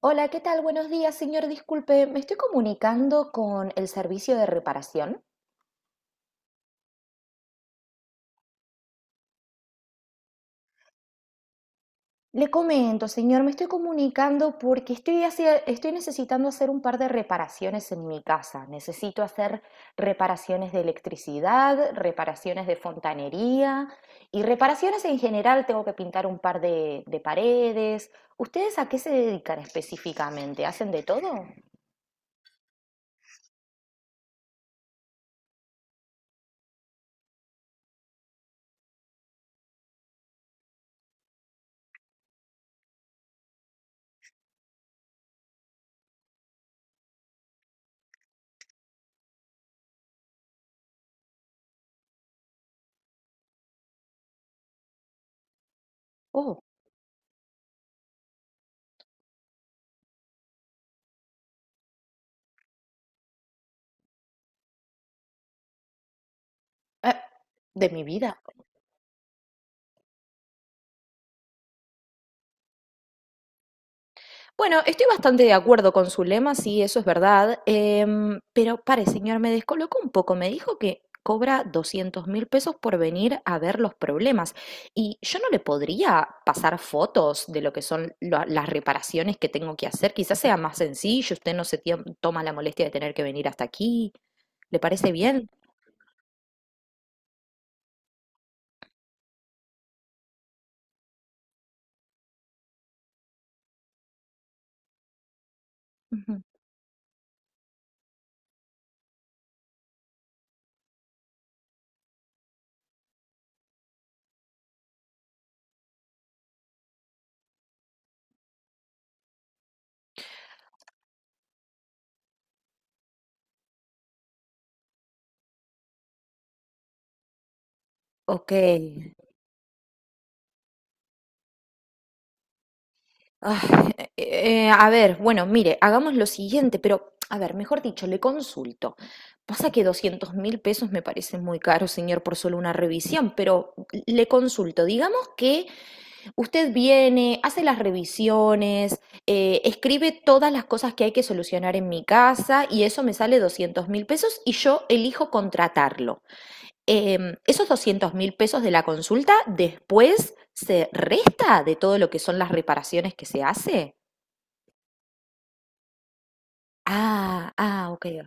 Hola, ¿qué tal? Buenos días, señor. Disculpe, me estoy comunicando con el servicio de reparación. Le comento, señor, me estoy comunicando porque estoy, estoy necesitando hacer un par de reparaciones en mi casa. Necesito hacer reparaciones de electricidad, reparaciones de fontanería y reparaciones en general. Tengo que pintar un par de paredes. ¿Ustedes a qué se dedican específicamente? ¿Hacen de todo? Oh, ah, de mi vida. Bueno, estoy bastante de acuerdo con su lema, sí, eso es verdad. Pero pare, señor, me descolocó un poco. Me dijo que cobra 200.000 pesos por venir a ver los problemas. Y yo no le podría pasar fotos de lo que son las reparaciones que tengo que hacer. Quizás sea más sencillo, usted no se toma la molestia de tener que venir hasta aquí. ¿Le parece bien? Ujú. Ok. Ay, a ver, bueno, mire, hagamos lo siguiente, pero, a ver, mejor dicho, le consulto. Pasa que 200.000 pesos me parece muy caro, señor, por solo una revisión, pero le consulto. Digamos que usted viene, hace las revisiones, escribe todas las cosas que hay que solucionar en mi casa y eso me sale 200.000 pesos y yo elijo contratarlo. Esos 200.000 pesos de la consulta después se resta de todo lo que son las reparaciones que se hace. Ah, ah, okey.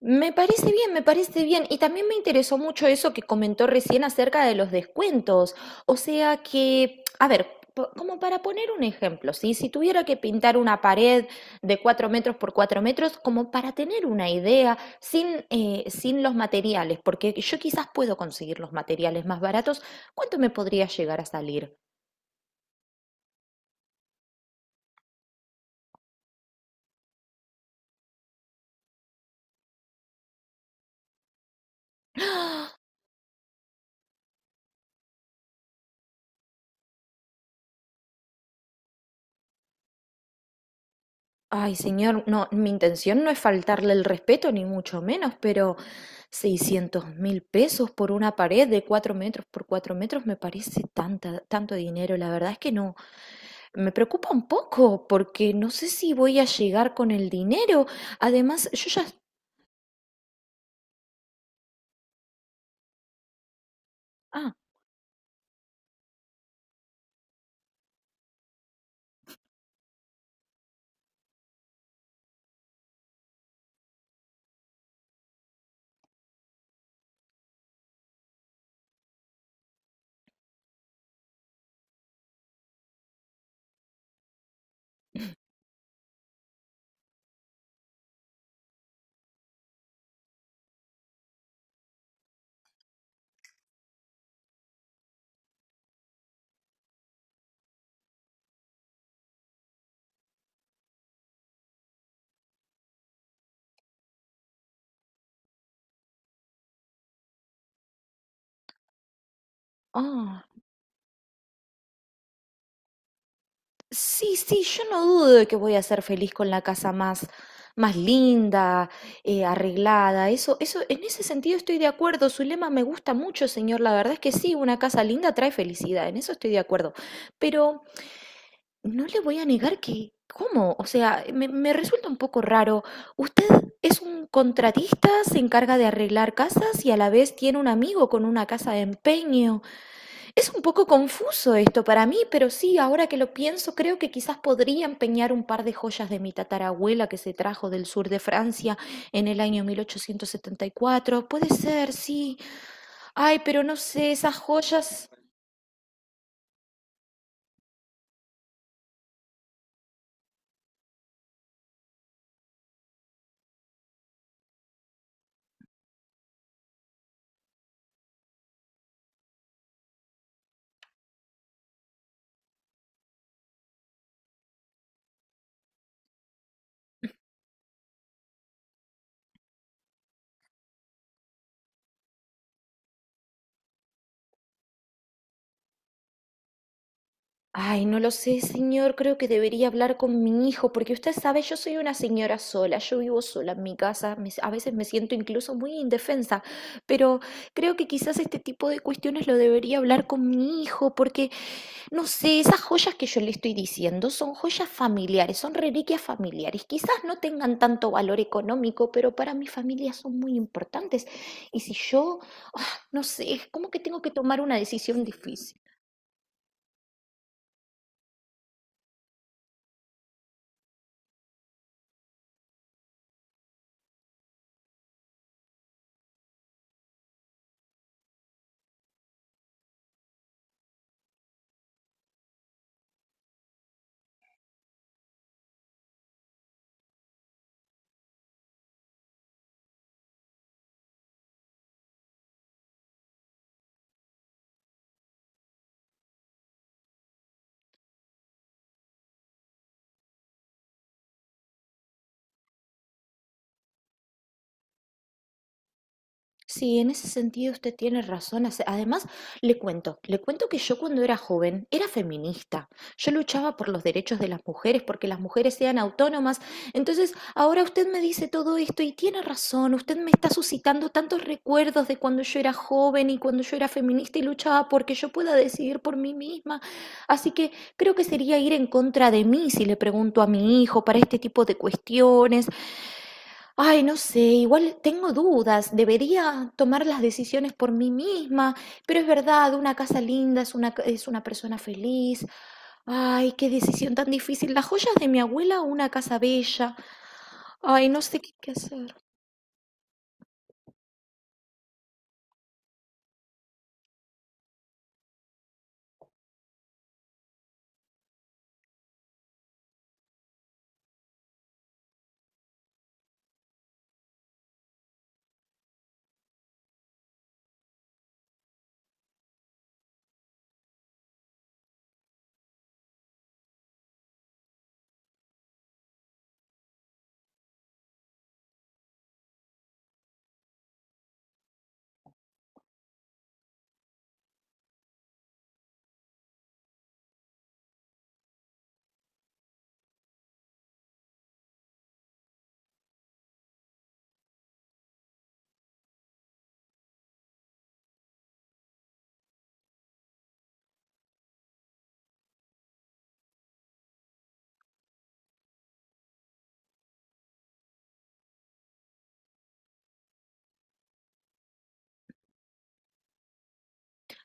Me parece bien, me parece bien. Y también me interesó mucho eso que comentó recién acerca de los descuentos. O sea que, a ver, como para poner un ejemplo, ¿sí? Si tuviera que pintar una pared de 4 metros por 4 metros, como para tener una idea, sin los materiales, porque yo quizás puedo conseguir los materiales más baratos, ¿cuánto me podría llegar a salir? Ay, señor, no, mi intención no es faltarle el respeto, ni mucho menos, pero 600.000 pesos por una pared de 4 metros por 4 metros me parece tanto dinero. La verdad es que no. Me preocupa un poco porque no sé si voy a llegar con el dinero. Además, yo ya... Ah, ah. Sí, sí, yo no dudo de que voy a ser feliz con la casa más linda, arreglada. Eso, en ese sentido estoy de acuerdo. Su lema me gusta mucho, señor. La verdad es que sí, una casa linda trae felicidad. En eso estoy de acuerdo. Pero no le voy a negar que, ¿cómo? O sea, me resulta un poco raro. Usted es un contratista, se encarga de arreglar casas y a la vez tiene un amigo con una casa de empeño. Es un poco confuso esto para mí, pero sí, ahora que lo pienso, creo que quizás podría empeñar un par de joyas de mi tatarabuela que se trajo del sur de Francia en el año 1874. Puede ser, sí. Ay, pero no sé, esas joyas. Ay, no lo sé, señor. Creo que debería hablar con mi hijo, porque usted sabe, yo soy una señora sola, yo vivo sola en mi casa, a veces me siento incluso muy indefensa, pero creo que quizás este tipo de cuestiones lo debería hablar con mi hijo, porque, no sé, esas joyas que yo le estoy diciendo son joyas familiares, son reliquias familiares. Quizás no tengan tanto valor económico, pero para mi familia son muy importantes. Y si yo, ah, no sé, es como que tengo que tomar una decisión difícil. Sí, en ese sentido usted tiene razón. Además, le cuento que yo cuando era joven era feminista. Yo luchaba por los derechos de las mujeres, porque las mujeres sean autónomas. Entonces, ahora usted me dice todo esto y tiene razón. Usted me está suscitando tantos recuerdos de cuando yo era joven y cuando yo era feminista y luchaba porque yo pueda decidir por mí misma. Así que creo que sería ir en contra de mí si le pregunto a mi hijo para este tipo de cuestiones. Ay, no sé, igual tengo dudas, debería tomar las decisiones por mí misma, pero es verdad, una casa linda es una persona feliz. Ay, qué decisión tan difícil. Las joyas de mi abuela o una casa bella. Ay, no sé qué hacer.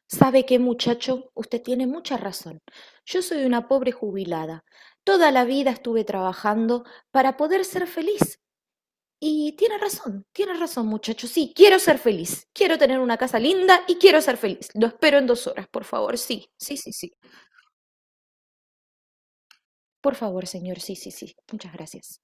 ¿Sabe qué, muchacho? Usted tiene mucha razón. Yo soy una pobre jubilada. Toda la vida estuve trabajando para poder ser feliz. Y tiene razón muchachos, sí, quiero ser feliz, quiero tener una casa linda y quiero ser feliz. Lo espero en 2 horas, por favor, sí, sí, sí, sí. Por favor, señor, sí, sí, sí. Muchas gracias.